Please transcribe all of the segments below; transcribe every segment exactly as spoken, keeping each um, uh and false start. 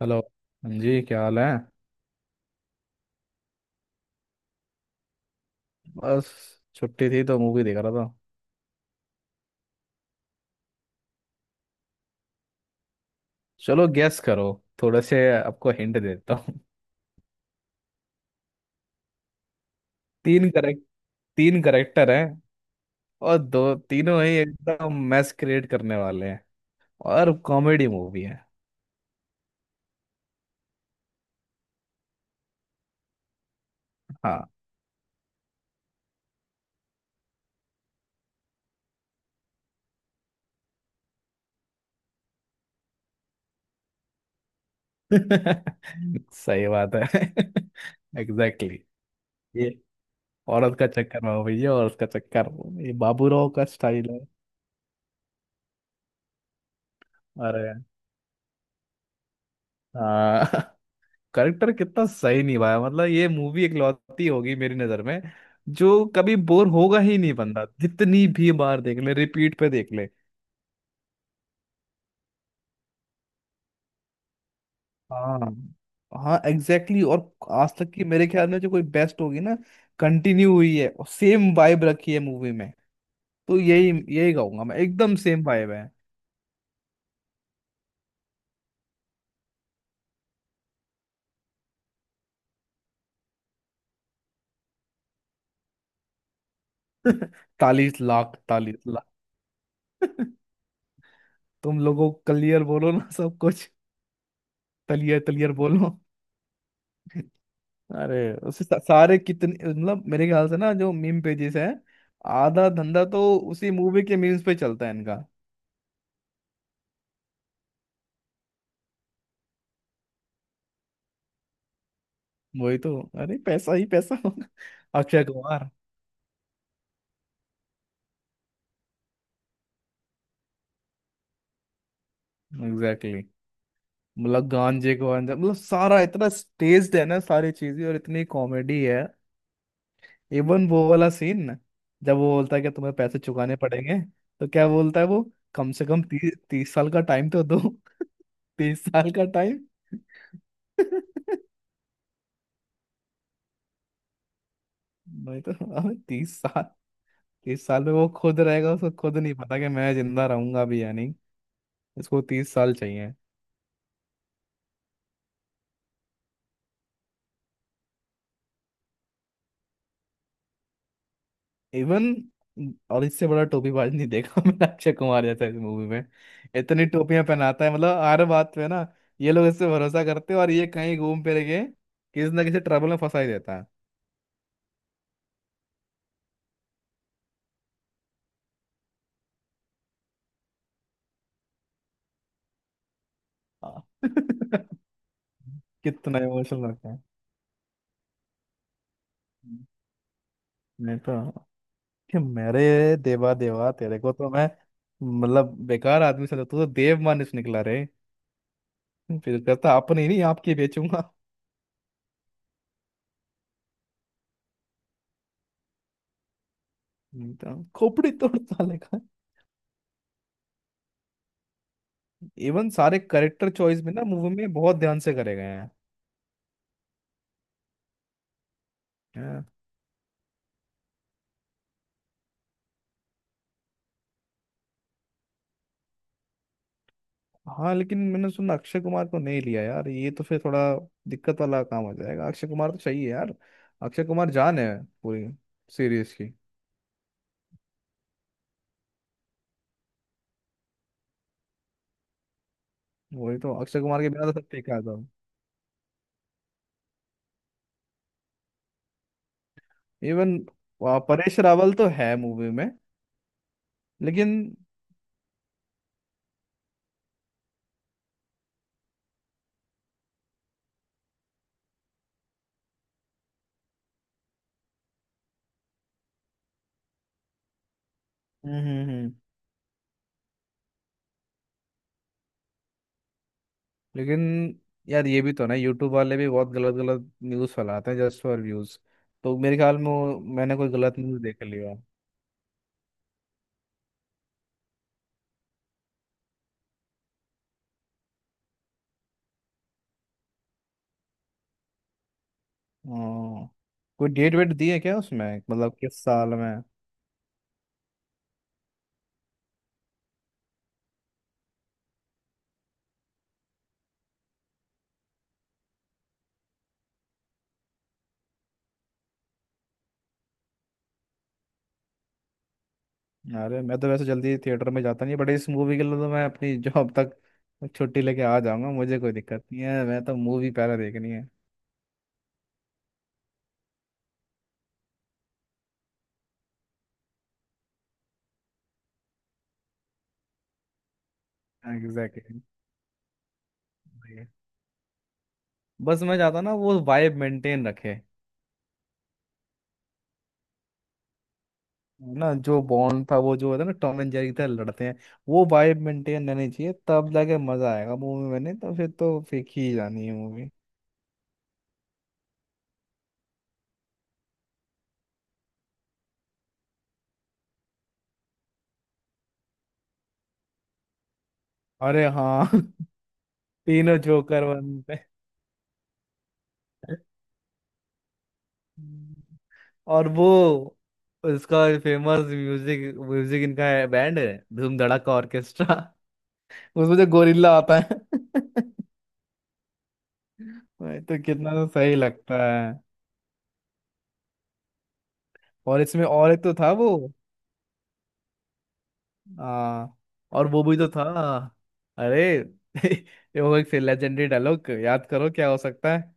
Hello. हाँ जी, क्या हाल है? बस, छुट्टी थी तो मूवी देख रहा था। चलो गैस करो, थोड़े से आपको हिंट देता हूँ। तीन करेक्ट तीन करेक्टर हैं। और दो तीनों ही एकदम मैस क्रिएट करने वाले हैं। और कॉमेडी मूवी है। हाँ। सही बात है। Exactly exactly। ये औरत का चक्कर में भैया, औरत का चक्कर। ये बाबूराव का स्टाइल है। अरे हाँ। करेक्टर कितना सही निभाया, मतलब ये मूवी इकलौती होगी मेरी नजर में जो कभी बोर होगा ही नहीं। बंदा जितनी भी बार देख ले, रिपीट पे देख ले। हाँ। हाँ, एग्जैक्टली exactly। और आज तक की मेरे ख्याल में जो कोई बेस्ट होगी ना, कंटिन्यू हुई है और सेम वाइब रखी है मूवी में। तो यही यही कहूंगा मैं, एकदम सेम वाइब है। तालीस लाख, तालीस लाख। तुम लोगों क्लियर बोलो ना सब कुछ। क्लियर क्लियर बोलो। अरे उससे सा- सारे कितने, मतलब मेरे ख्याल से ना, जो मीम पेजेस हैं, आधा धंधा तो उसी मूवी के मीम्स पे चलता है इनका। वही तो, अरे पैसा ही पैसा होगा। अक्षय कुमार। Exactly exactly। मतलब गांजे को अंदर, मतलब सारा इतना स्टेज्ड है ना सारी चीजें, और इतनी कॉमेडी है। इवन वो वाला सीन जब वो बोलता है कि तुम्हें पैसे चुकाने पड़ेंगे, तो क्या बोलता है वो? कम से कम ती, तीस साल का टाइम तो दो। तीस साल का टाइम। नहीं तो, अबे तीस साल। तीस साल में वो खुद रहेगा, उसको खुद नहीं पता कि मैं जिंदा रहूंगा भी या नहीं। इसको तीस साल चाहिए। इवन, और इससे बड़ा टोपीबाज नहीं देखा मैंने अक्षय कुमार जैसा इस मूवी में। इतनी टोपियां पहनाता है, मतलब हर बात पे ना। ये लोग इससे भरोसा करते हैं और ये कहीं घूम फिर के किसी ना किसी ट्रबल में फंसा ही देता है। हाँ। कितना इमोशनल लगता है। नहीं तो कि मेरे देवा देवा, तेरे को तो मैं मतलब बेकार आदमी समझता हूँ, तू तो देव मानुष निकला रे। फिर कहता, अपने नहीं आपके बेचूंगा। हम्म, तो खोपड़ी तोड़ता लेखा। इवन सारे करेक्टर चॉइस भी ना मूवी में बहुत ध्यान से करे गए हैं। हाँ। हाँ, लेकिन मैंने सुना अक्षय कुमार को नहीं लिया यार, ये तो फिर थोड़ा दिक्कत वाला काम हो जाएगा। अक्षय कुमार तो चाहिए यार। अक्षय कुमार जान है पूरी सीरीज की। वही तो, अक्षय कुमार के बिना तो सब ठीक था। इवन परेश रावल तो है मूवी में, लेकिन। हम्म हम्म, हम्म। लेकिन यार, ये भी तो ना, यूट्यूब वाले भी बहुत गलत गलत न्यूज़ फैलाते हैं जस्ट फॉर व्यूज। तो मेरे ख्याल में वो- मैंने कोई गलत न्यूज़ देख लिया। हाँ। कोई डेट वेट दी है क्या उसमें, मतलब किस साल में? अरे मैं तो वैसे जल्दी थिएटर में जाता नहीं, बट इस मूवी के लिए तो मैं अपनी जॉब तक छुट्टी लेके आ जाऊंगा, मुझे कोई दिक्कत नहीं है, मैं तो मूवी पहले देखनी है। एग्जैक्टली। बस मैं चाहता ना वो वाइब मेंटेन रखे, ना जो बॉन्ड था वो, जो होता है ना, टॉम एंड जेरी की तरह लड़ते हैं। वो वाइब मेंटेन रहनी चाहिए, तब जाके मजा आएगा मूवी में, नहीं तो फिर तो फेंक ही जानी है मूवी। अरे हाँ। तीनों जोकर बनते हैं। और वो उसका फेमस म्यूजिक म्यूजिक इनका है, बैंड है, धूम धड़ाका ऑर्केस्ट्रा। उसमें जो गोरिल्ला आता है, भाई तो कितना तो सही लगता है। और इसमें और एक तो था वो। हाँ, और वो भी तो था। अरे। ये वो एक लेजेंडरी डायलॉग, याद करो क्या हो सकता है।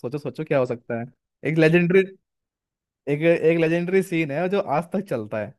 सोचो सोचो क्या हो सकता है। एक लेजेंडरी एक एक लेजेंडरी सीन है जो आज तक चलता है।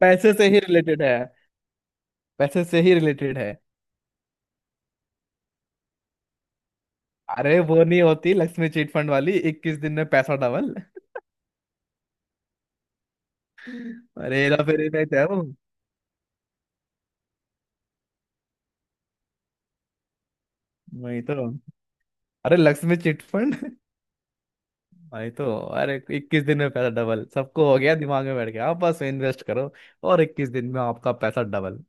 पैसे से ही रिलेटेड है, पैसे से ही रिलेटेड है। अरे वो नहीं होती लक्ष्मी चिट फंड वाली, इक्कीस दिन में पैसा डबल। अरे हेरा फेरी में क्या हूँ। वही तो, अरे लक्ष्मी चिट फंड। वही तो, अरे इक्कीस दिन में पैसा डबल, सबको हो गया दिमाग में बैठ गया, आप बस इन्वेस्ट करो और इक्कीस दिन में आपका पैसा डबल।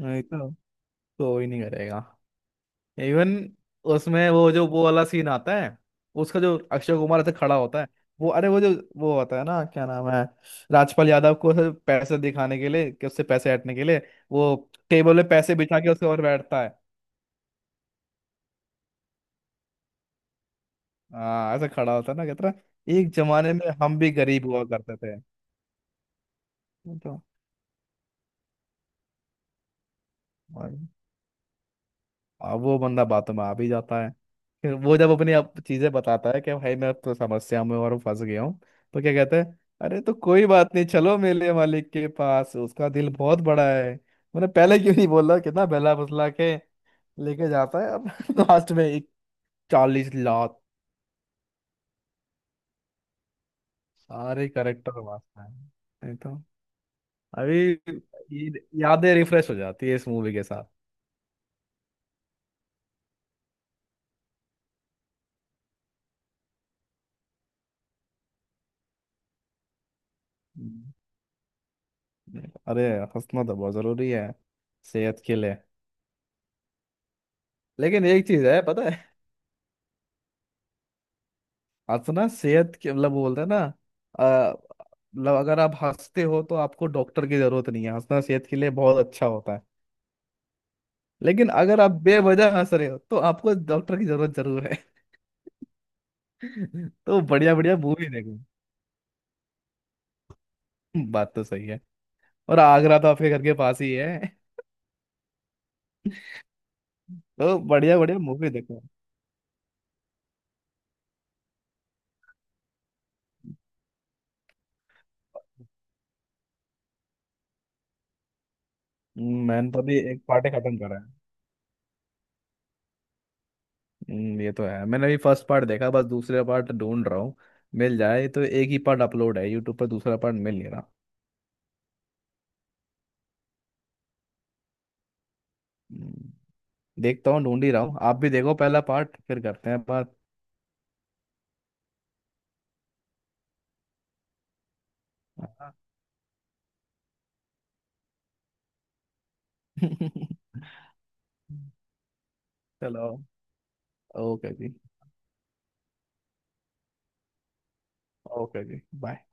नहीं तो, कोई नहीं करेगा। इवन उसमें वो जो वो वाला सीन आता है, उसका जो अक्षय कुमार ऐसे खड़ा होता है। वो अरे वो जो वो होता है ना, क्या नाम है, राजपाल यादव को ऐसे पैसे दिखाने के लिए कि उससे पैसे हटने के लिए। वो टेबल पे पैसे बिछा के उसके और बैठता है। हाँ, ऐसे खड़ा होता है ना, कहता है, एक जमाने में हम भी गरीब हुआ करते थे। तो अब वो बंदा बातों में आ भी जाता है। फिर वो जब अपनी आप चीजें बताता है कि भाई मैं तो समस्या में और फंस गया हूँ, तो क्या कहते हैं? अरे तो कोई बात नहीं, चलो मेरे मालिक के पास, उसका दिल बहुत बड़ा है, मैंने पहले क्यों नहीं बोला। कितना बहला फुसला के लेके जाता है, अब लास्ट में एक चालीस लाख, सारे करेक्टर वास्ता है। नहीं तो अभी ये यादें रिफ्रेश हो जाती है इस मूवी के साथ। हम्म। अरे हंसना तो बहुत जरूरी है सेहत के लिए। लेकिन एक चीज है पता है, हंसना सेहत के मतलब, वो बोलते हैं ना, अ, मतलब अगर आप हंसते हो तो आपको डॉक्टर की जरूरत नहीं है, हंसना सेहत के लिए बहुत अच्छा होता है। लेकिन अगर आप बेवजह हंस रहे हो तो आपको डॉक्टर की जरूरत जरूर है। तो बढ़िया बढ़िया मूवी देखो। हम्म, बात तो सही है। और आगरा तो आपके घर के पास ही है, तो बढ़िया बढ़िया मूवी देखो। हम्म, मैंने तो अभी एक पार्ट ही खत्म करा है। हम्म, ये तो है, मैंने अभी फर्स्ट पार्ट देखा, बस दूसरे पार्ट ढूंढ रहा हूँ, मिल जाए तो। एक ही पार्ट अपलोड है यूट्यूब पर, दूसरा पार्ट मिल नहीं रहा। हम्म, देखता हूँ, ढूंढ ही रहा हूँ। आप भी देखो पहला पार्ट, फिर करते हैं बात। हाँ। चलो। ओके जी। ओके जी, बाय।